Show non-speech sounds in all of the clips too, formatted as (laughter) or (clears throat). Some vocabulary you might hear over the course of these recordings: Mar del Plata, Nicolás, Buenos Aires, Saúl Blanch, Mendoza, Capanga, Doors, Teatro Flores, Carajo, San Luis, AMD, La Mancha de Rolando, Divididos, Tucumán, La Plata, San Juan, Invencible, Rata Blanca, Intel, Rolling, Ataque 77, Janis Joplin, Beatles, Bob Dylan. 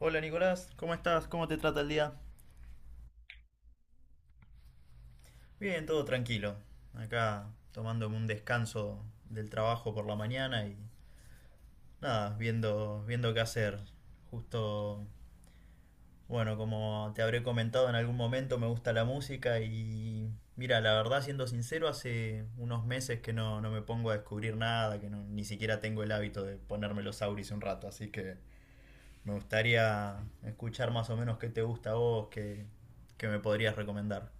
Hola Nicolás, ¿cómo estás? ¿Cómo te trata el día? Bien, todo tranquilo. Acá tomándome un descanso del trabajo por la mañana y nada, viendo qué hacer. Justo, bueno, como te habré comentado en algún momento, me gusta la música y mira, la verdad, siendo sincero, hace unos meses que no me pongo a descubrir nada, que no- ni siquiera tengo el hábito de ponerme los auris un rato, así que me gustaría escuchar más o menos qué te gusta a vos, qué me podrías recomendar.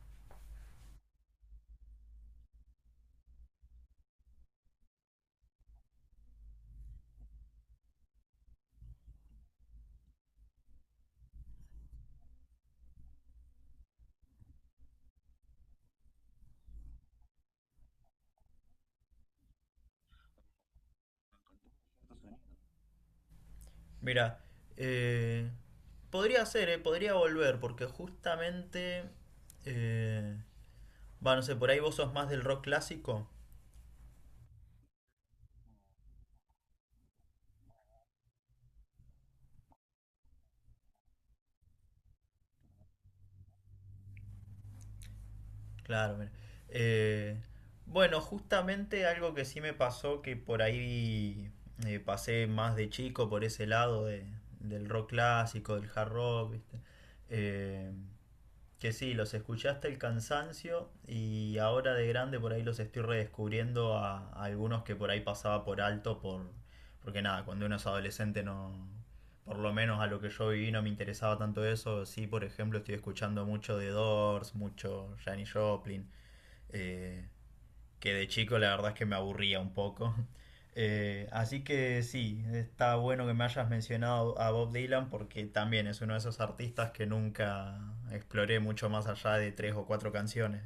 Mira, eh, podría ser, podría volver, porque justamente, eh, va, no sé, por ahí vos sos más del rock clásico. Claro, mira. Eh, bueno, justamente algo que sí me pasó, que por ahí pasé más de chico por ese lado del rock clásico, del hard rock, ¿viste? Eh, Que sí, los escuché hasta el cansancio y ahora de grande por ahí los estoy redescubriendo a algunos que por ahí pasaba por alto porque nada, cuando uno es adolescente no, por lo menos a lo que yo viví no me interesaba tanto eso. Sí, por ejemplo, estoy escuchando mucho de Doors, mucho Janis Joplin, eh, que de chico la verdad es que me aburría un poco. (laughs) Así que sí, está bueno que me hayas mencionado a Bob Dylan porque también es uno de esos artistas que nunca exploré mucho más allá de tres o cuatro canciones.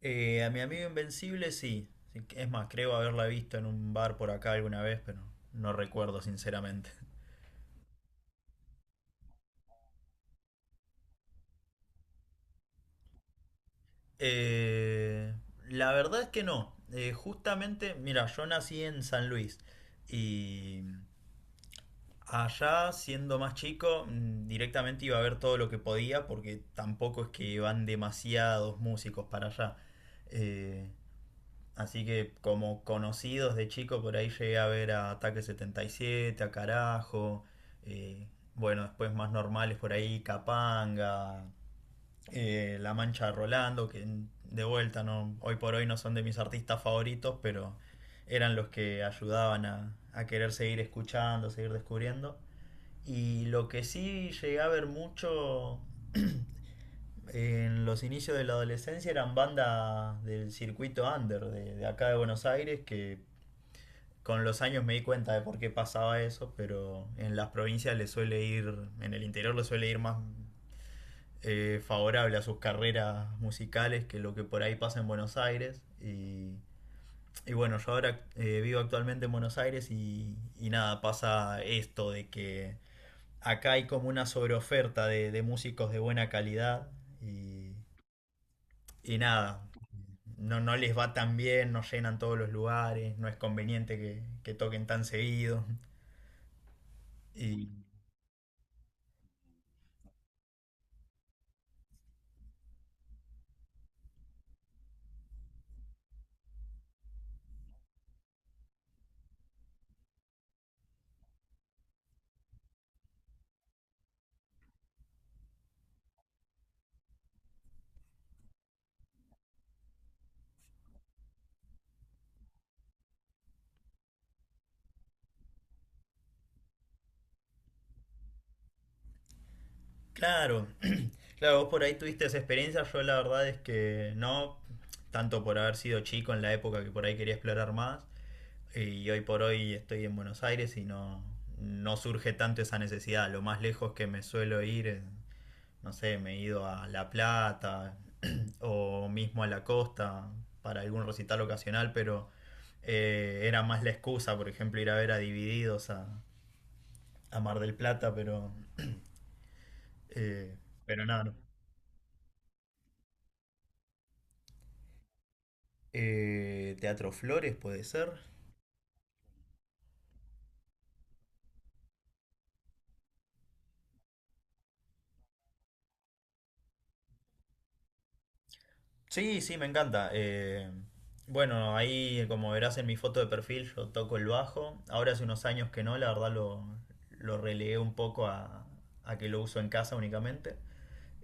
A mi amigo Invencible sí. Sí, es más, creo haberla visto en un bar por acá alguna vez, pero no recuerdo sinceramente. (laughs) Eh, la verdad es que no. Justamente, mira, yo nací en San Luis y allá, siendo más chico, directamente iba a ver todo lo que podía porque tampoco es que van demasiados músicos para allá. Eh, Así que como conocidos de chico, por ahí llegué a ver a Ataque 77, a Carajo, eh, bueno, después más normales por ahí, Capanga, La Mancha de Rolando, que de vuelta no, hoy por hoy no son de mis artistas favoritos, pero eran los que ayudaban a querer seguir escuchando, seguir descubriendo. Y lo que sí llegué a ver mucho (clears throat) (coughs) en los inicios de la adolescencia eran bandas del circuito under de acá de Buenos Aires que con los años me di cuenta de por qué pasaba eso, pero en las provincias le suele ir, en el interior le suele ir más favorable a sus carreras musicales que lo que por ahí pasa en Buenos Aires. Y bueno, yo ahora vivo actualmente en Buenos Aires y nada, pasa esto de que acá hay como una sobreoferta de músicos de buena calidad y, y nada, no les va tan bien, no llenan todos los lugares, no es conveniente que toquen tan seguido. Y claro, (clears throat) claro, vos por ahí tuviste esa experiencia, yo la verdad es que no, tanto por haber sido chico en la época que por ahí quería explorar más, y hoy por hoy estoy en Buenos Aires y no surge tanto esa necesidad. Lo más lejos que me suelo ir no sé, me he ido a La Plata (clears throat) o mismo a la costa para algún recital ocasional, pero era más la excusa, por ejemplo, ir a ver a Divididos a Mar del Plata, pero, eh, pero nada. No. Teatro Flores puede ser. Sí, sí, me encanta. Bueno, ahí como verás en mi foto de perfil yo toco el bajo. Ahora hace unos años que no, la verdad lo relegué un poco a que lo uso en casa únicamente.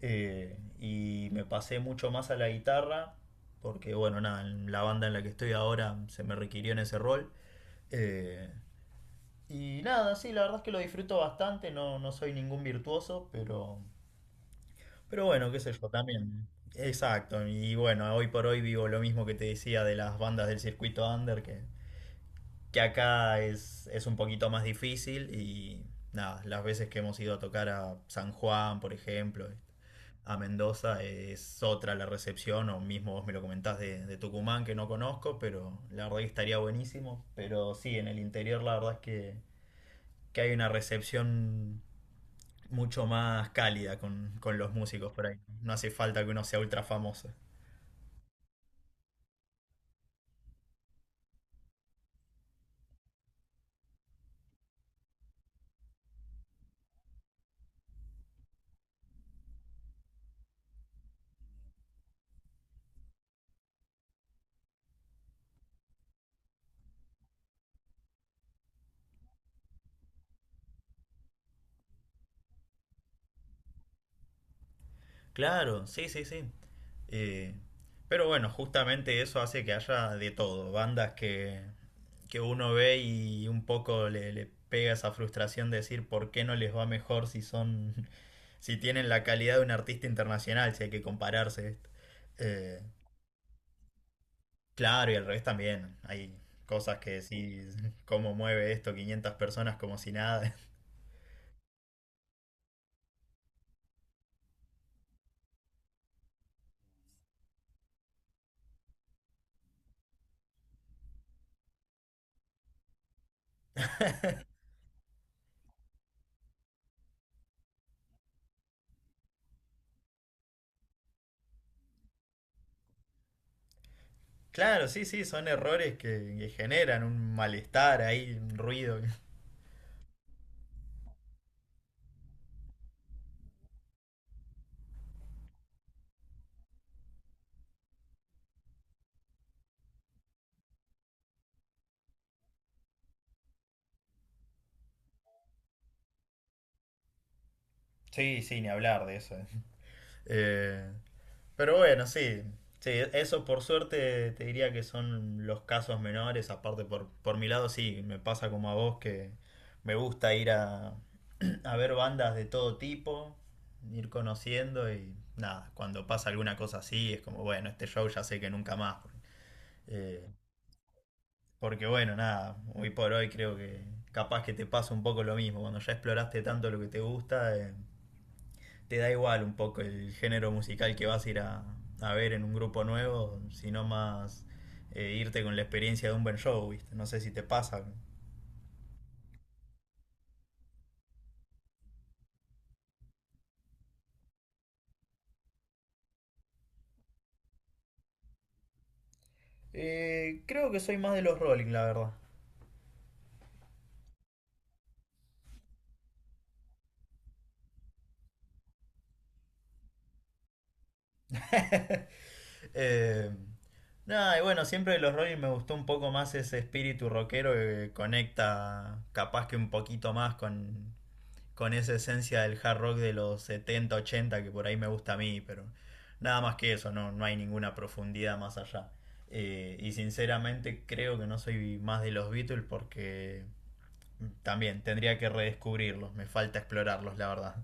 Y me pasé mucho más a la guitarra porque, bueno, nada, en la banda en la que estoy ahora se me requirió en ese rol. Eh, y nada, sí, la verdad es que lo disfruto bastante, no soy ningún virtuoso, pero bueno, qué sé yo, también. Exacto. Y bueno, hoy por hoy vivo lo mismo que te decía de las bandas del circuito under, que acá es un poquito más difícil y nada, las veces que hemos ido a tocar a San Juan, por ejemplo, a Mendoza, es otra la recepción, o mismo vos me lo comentás de Tucumán, que no conozco, pero la verdad que estaría buenísimo. Pero sí, en el interior la verdad es que hay una recepción mucho más cálida con los músicos por ahí. No hace falta que uno sea ultra famoso. Claro, sí, sí, sí. Eh, pero bueno, justamente eso hace que haya de todo. Bandas que uno ve y un poco le pega esa frustración de decir por qué no les va mejor si son, (laughs) si tienen la calidad de un artista internacional, si hay que compararse. Eh, claro, y al revés también. Hay cosas que decís, (laughs) cómo mueve esto 500 personas como si nada. Claro, sí, sí, son errores que generan un malestar ahí, un ruido. Sí, sí, ni hablar de eso. Eh, pero bueno, sí, sí, eso por suerte te diría que son los casos menores. Aparte, por mi lado, sí, me pasa como a vos que me gusta ir a, (clears throat) a ver bandas de todo tipo, ir conociendo y nada, cuando pasa alguna cosa así es como, bueno, este show ya sé que nunca más. Eh, Porque bueno, nada, hoy por hoy creo que capaz que te pasa un poco lo mismo. Cuando ya exploraste tanto lo que te gusta, te da igual un poco el género musical que vas a ir a ver en un grupo nuevo, sino más irte con la experiencia de un buen show, ¿viste? No sé si te pasa. Creo que soy más de los Rolling, la verdad. (laughs) Eh, Nada, y bueno, siempre de los Rolling me gustó un poco más ese espíritu rockero que conecta capaz que un poquito más con esa esencia del hard rock de los 70 80 que por ahí me gusta a mí, pero nada más que eso, no hay ninguna profundidad más allá. Y sinceramente creo que no soy más de los Beatles porque también tendría que redescubrirlos, me falta explorarlos, la verdad.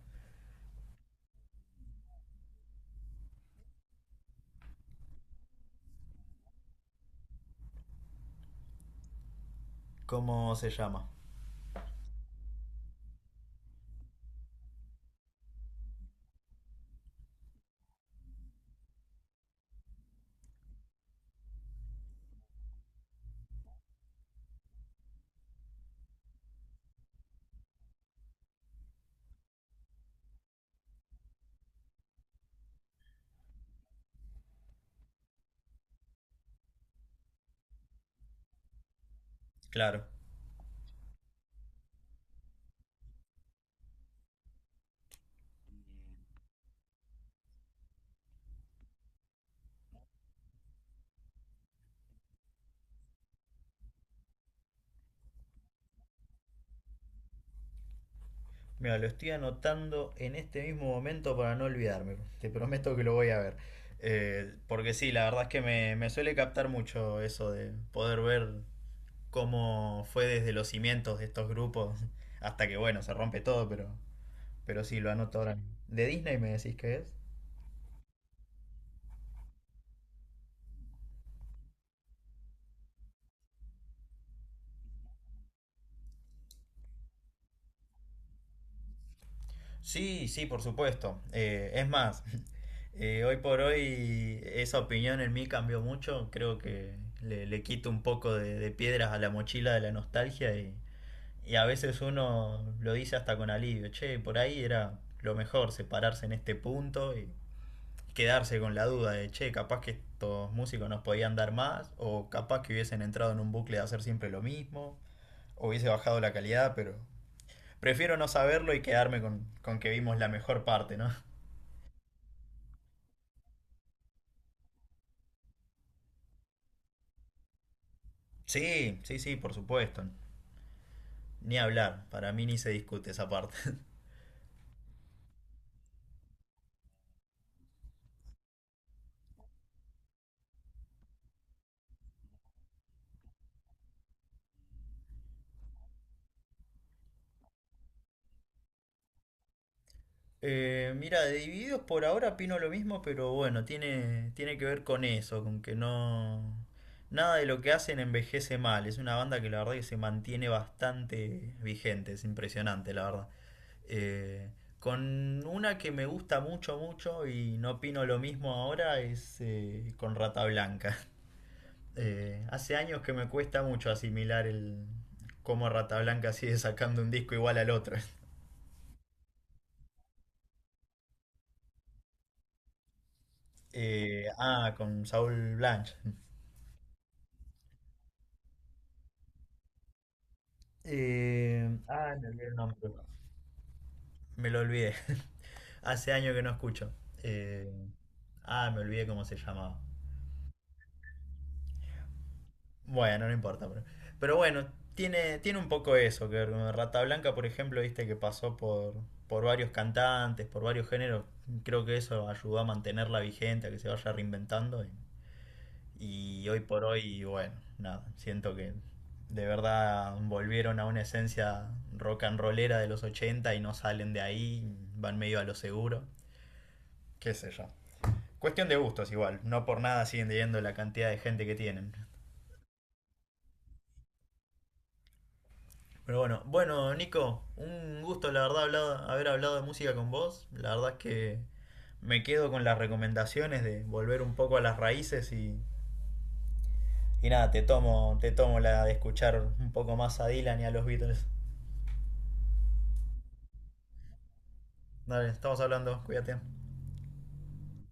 ¿Cómo se llama? Claro. Mira, lo estoy anotando en este mismo momento para no olvidarme. Te prometo que lo voy a ver. Porque sí, la verdad es que me suele captar mucho eso de poder ver cómo fue desde los cimientos de estos grupos hasta que, bueno, se rompe todo, pero sí, lo anoto ahora mismo. ¿De Disney me decís qué es? Sí, sí, por supuesto. Es más, (laughs) hoy por hoy esa opinión en mí cambió mucho. Creo que le quito un poco de piedras a la mochila de la nostalgia y a veces uno lo dice hasta con alivio. Che, por ahí era lo mejor separarse en este punto y quedarse con la duda de, che, capaz que estos músicos nos podían dar más, o capaz que hubiesen entrado en un bucle de hacer siempre lo mismo, o hubiese bajado la calidad, pero prefiero no saberlo y quedarme con que vimos la mejor parte, ¿no? Sí, sí, sí, por supuesto. Ni hablar, para mí ni se discute esa parte. Mira, de Divididos por ahora opino lo mismo, pero bueno, tiene que ver con eso, con que no... Nada de lo que hacen envejece mal. Es una banda que la verdad que se mantiene bastante vigente, es impresionante, la verdad. Eh, con una que me gusta mucho, mucho y no opino lo mismo ahora es con Rata Blanca. (laughs) Hace años que me cuesta mucho asimilar el cómo Rata Blanca sigue sacando un disco igual al otro. (laughs) Con Saúl Blanch. No, no, no, me olvidé el nombre. Me lo olvidé. (laughs) Hace años que no escucho. Eh, me olvidé cómo se llamaba. Bueno, no importa. Pero bueno, tiene un poco eso que ver con Rata Blanca, por ejemplo, viste que pasó por varios cantantes, por varios géneros. Creo que eso ayudó a mantenerla vigente, a que se vaya reinventando. Y hoy por hoy, bueno, nada, siento que de verdad volvieron a una esencia rock and rollera de los 80 y no salen de ahí, van medio a lo seguro. Qué sé yo. Cuestión de gustos igual, no por nada siguen teniendo la cantidad de gente que tienen. Pero bueno, bueno, Nico, un gusto la verdad haber hablado de música con vos. La verdad es que me quedo con las recomendaciones de volver un poco a las raíces y nada, te tomo la de escuchar un poco más a Dylan y a los Beatles. Dale, estamos hablando, cuídate.